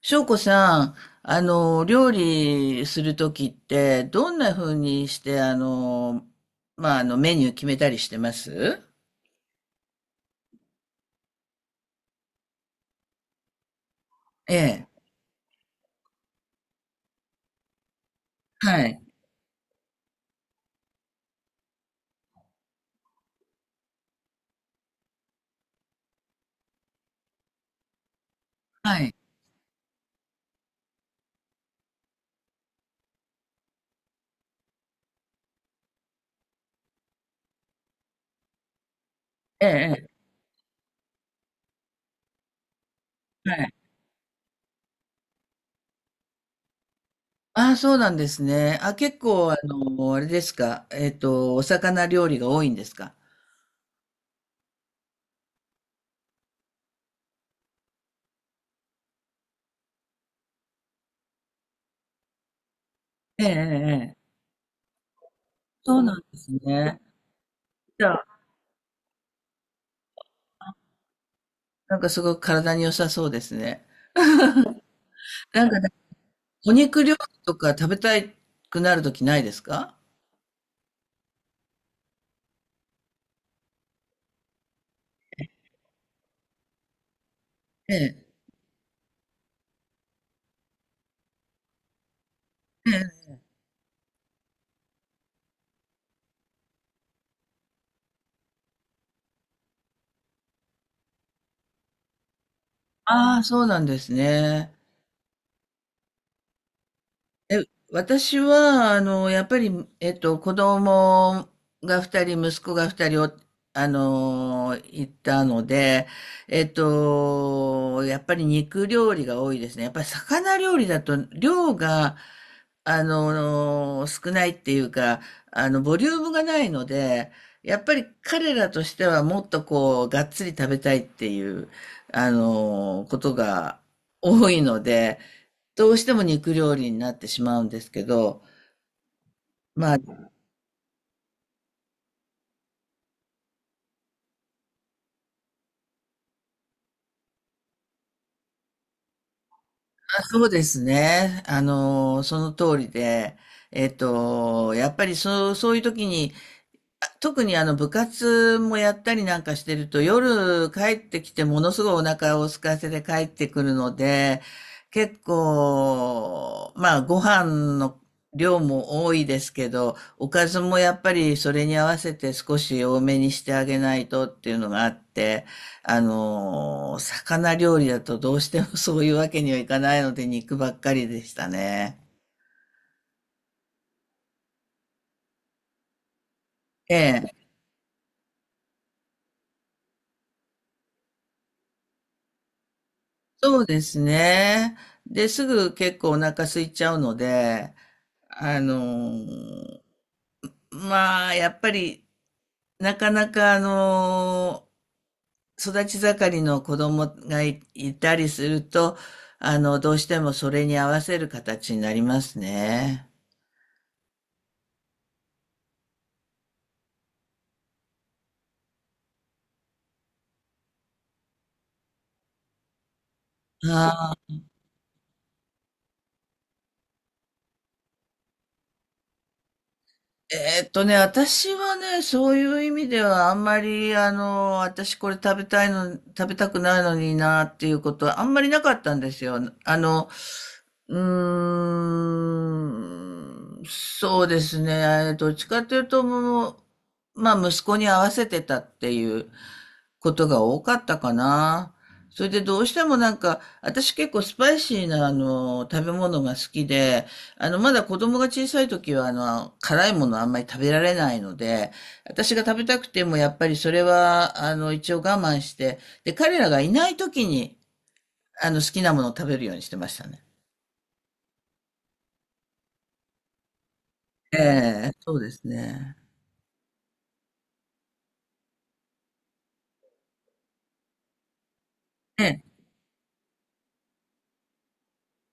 翔子さん、料理するときって、どんな風にして、メニュー決めたりしてます？ええ。はい。はい。ええ。ええ、はい。ああ、そうなんですね。あ、結構、あれですか。お魚料理が多いんですか？ええ、ええ。ええ、そうなんですね。じゃあ、なんかすごく体に良さそうですね。なんか、お肉料理とか食べたくなるときないですか？ええ。ええ。ああ、そうなんですね。え、私は、やっぱり、子供が二人、息子が二人を、あの、いたので、やっぱり肉料理が多いですね。やっぱり魚料理だと、量が、少ないっていうか、ボリュームがないので、やっぱり彼らとしてはもっとこう、がっつり食べたいっていう、ことが多いので、どうしても肉料理になってしまうんですけど、まあ、そうですね。その通りで、やっぱりそういう時に特に部活もやったりなんかしてると夜帰ってきてものすごいお腹を空かせて帰ってくるので、結構、まあご飯の量も多いですけど、おかずもやっぱりそれに合わせて少し多めにしてあげないとっていうのがあって、魚料理だとどうしてもそういうわけにはいかないので肉ばっかりでしたね。ええ。そうですね。で、すぐ結構お腹空いちゃうので、あのーまあ、やっぱり、なかなか、育ち盛りの子供がいたりすると、どうしてもそれに合わせる形になりますね。はい。えーっとね、私はね、そういう意味では、あんまり、私これ食べたいの、食べたくないのになっていうことは、あんまりなかったんですよ。そうですね。どっちかというと、もう、まあ、息子に合わせてたっていうことが多かったかな。それでどうしてもなんか、私結構スパイシーな、食べ物が好きで、まだ子供が小さい時は、辛いものあんまり食べられないので、私が食べたくても、やっぱりそれは、一応我慢して、で、彼らがいない時に、好きなものを食べるようにしてましたね。ええ、そうですね。ええ、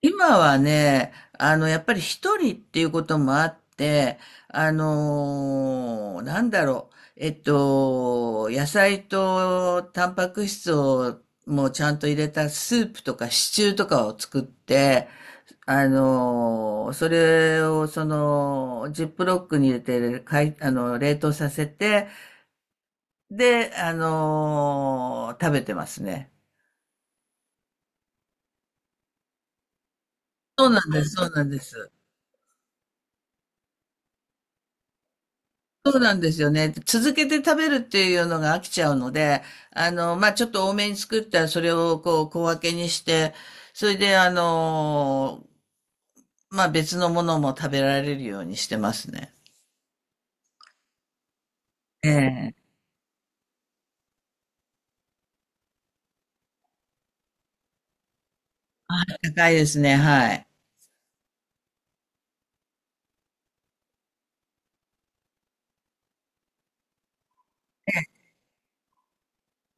今はね、やっぱり一人っていうこともあって、野菜とタンパク質をもうちゃんと入れたスープとかシチューとかを作って、それをその、ジップロックに入れて、かい、あの、冷凍させて、で、食べてますね。そうなんです、そうなんです。そうなんですよね。続けて食べるっていうのが飽きちゃうので、まあ、ちょっと多めに作ったらそれをこう小分けにして、それでまあ、別のものも食べられるようにしてますね。ええ。あ、高いですね。はい。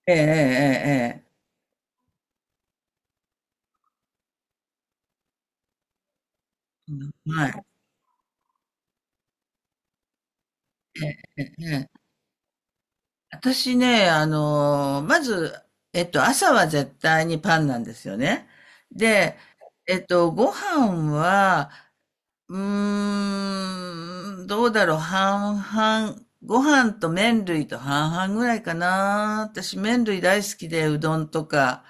ええ、ええ、ええ。うん、はい。ええ。私ね、まず、朝は絶対にパンなんですよね。で、ご飯は、うーん、どうだろう、半々。ご飯と麺類と半々ぐらいかな。私、麺類大好きで、うどんとか、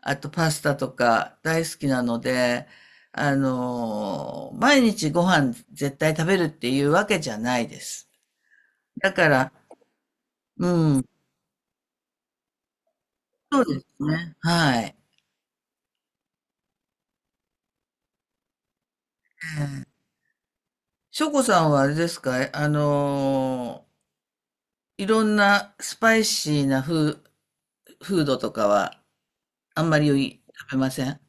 あとパスタとか大好きなので、毎日ご飯絶対食べるっていうわけじゃないです。だから、うん、そうですね。はい。しょこさんはあれですか、いろんなスパイシーなフードとかはあんまり食べません？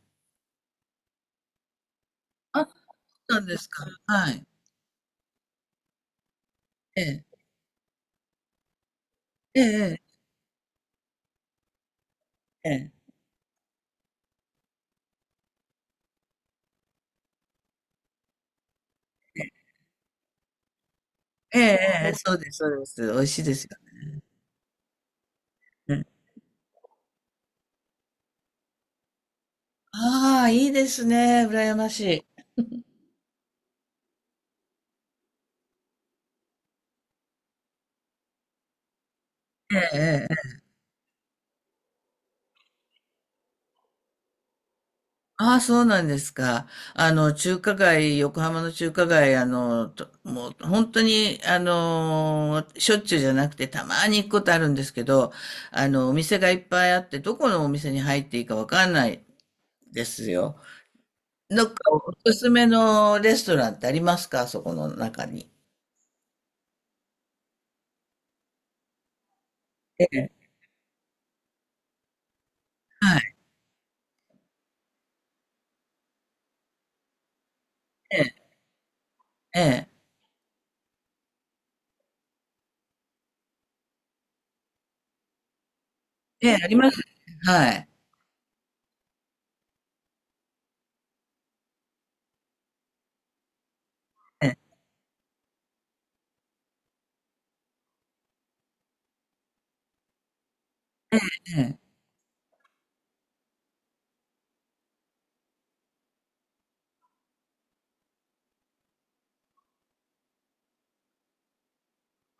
あ、そうなんですか。はい。ええ。ええ、ええ。ええ。ええ、ええ、そうです、そうです。美味しいですよね。ああ、いいですね、羨ましい。ええ、ええ、ええ。ああ、そうなんですか。中華街、横浜の中華街、ともう本当に、しょっちゅうじゃなくて、たまに行くことあるんですけど、お店がいっぱいあって、どこのお店に入っていいかわかんないですよ。どっかおすすめのレストランってありますか、そこの中に。ええ、はい、ええ、ええ、ええ、あります。はい。ええ、ええ。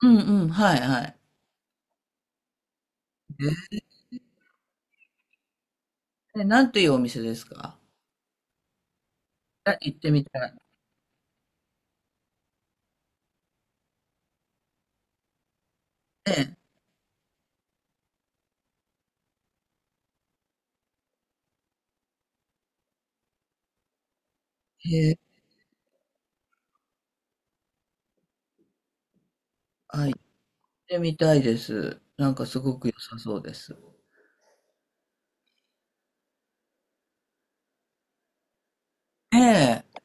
うん、うん、はい、はい。ええ、なんていうお店ですか？あ、行ってみたい。ええ、へえ、あ、行ってみたいです。なんかすごく良さそうです。ええ、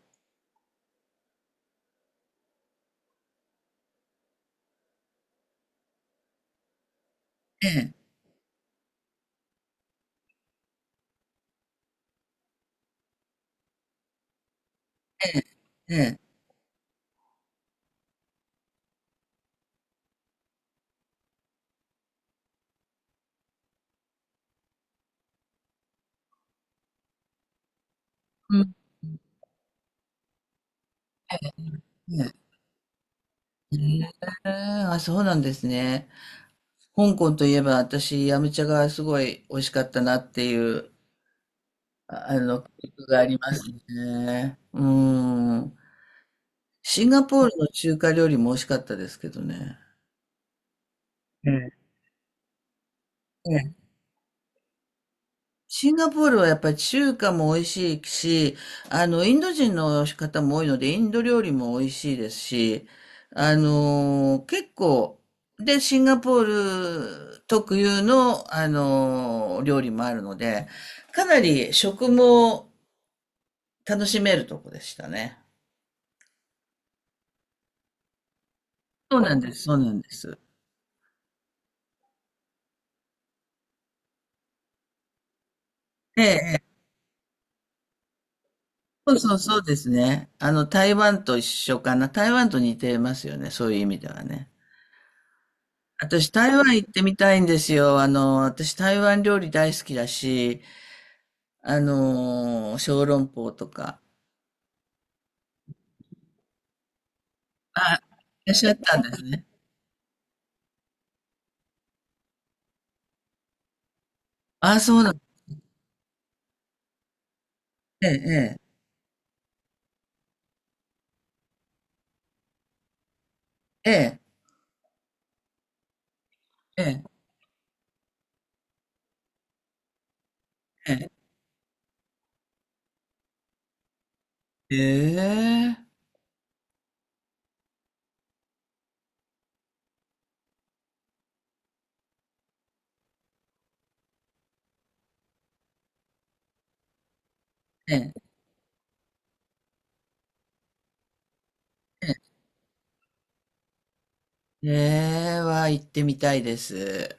ええ、ええ、ええ、うん、ええ、ええ、あ、そうなんですね。香港といえば私、ヤムチャがすごい美味しかったなっていう記憶がありますね。うん。シンガポールの中華料理も美味しかったですけどね。ええ、ええ、シンガポールはやっぱり中華も美味しいし、インド人の方も多いので、インド料理も美味しいですし、結構、で、シンガポール特有の、料理もあるので、かなり食も楽しめるとこでしたね。そうなんです、そうなんです。ええ、え、そう、そう、そうですね。台湾と一緒かな。台湾と似てますよね。そういう意味ではね。私、台湾行ってみたいんですよ。私、台湾料理大好きだし、小籠包とか。あ、いらっしゃったんですね。あ、そうなん、ええ、ええ、ええ、ええ、ええ、ええ、ええ、ええは行ってみたいです。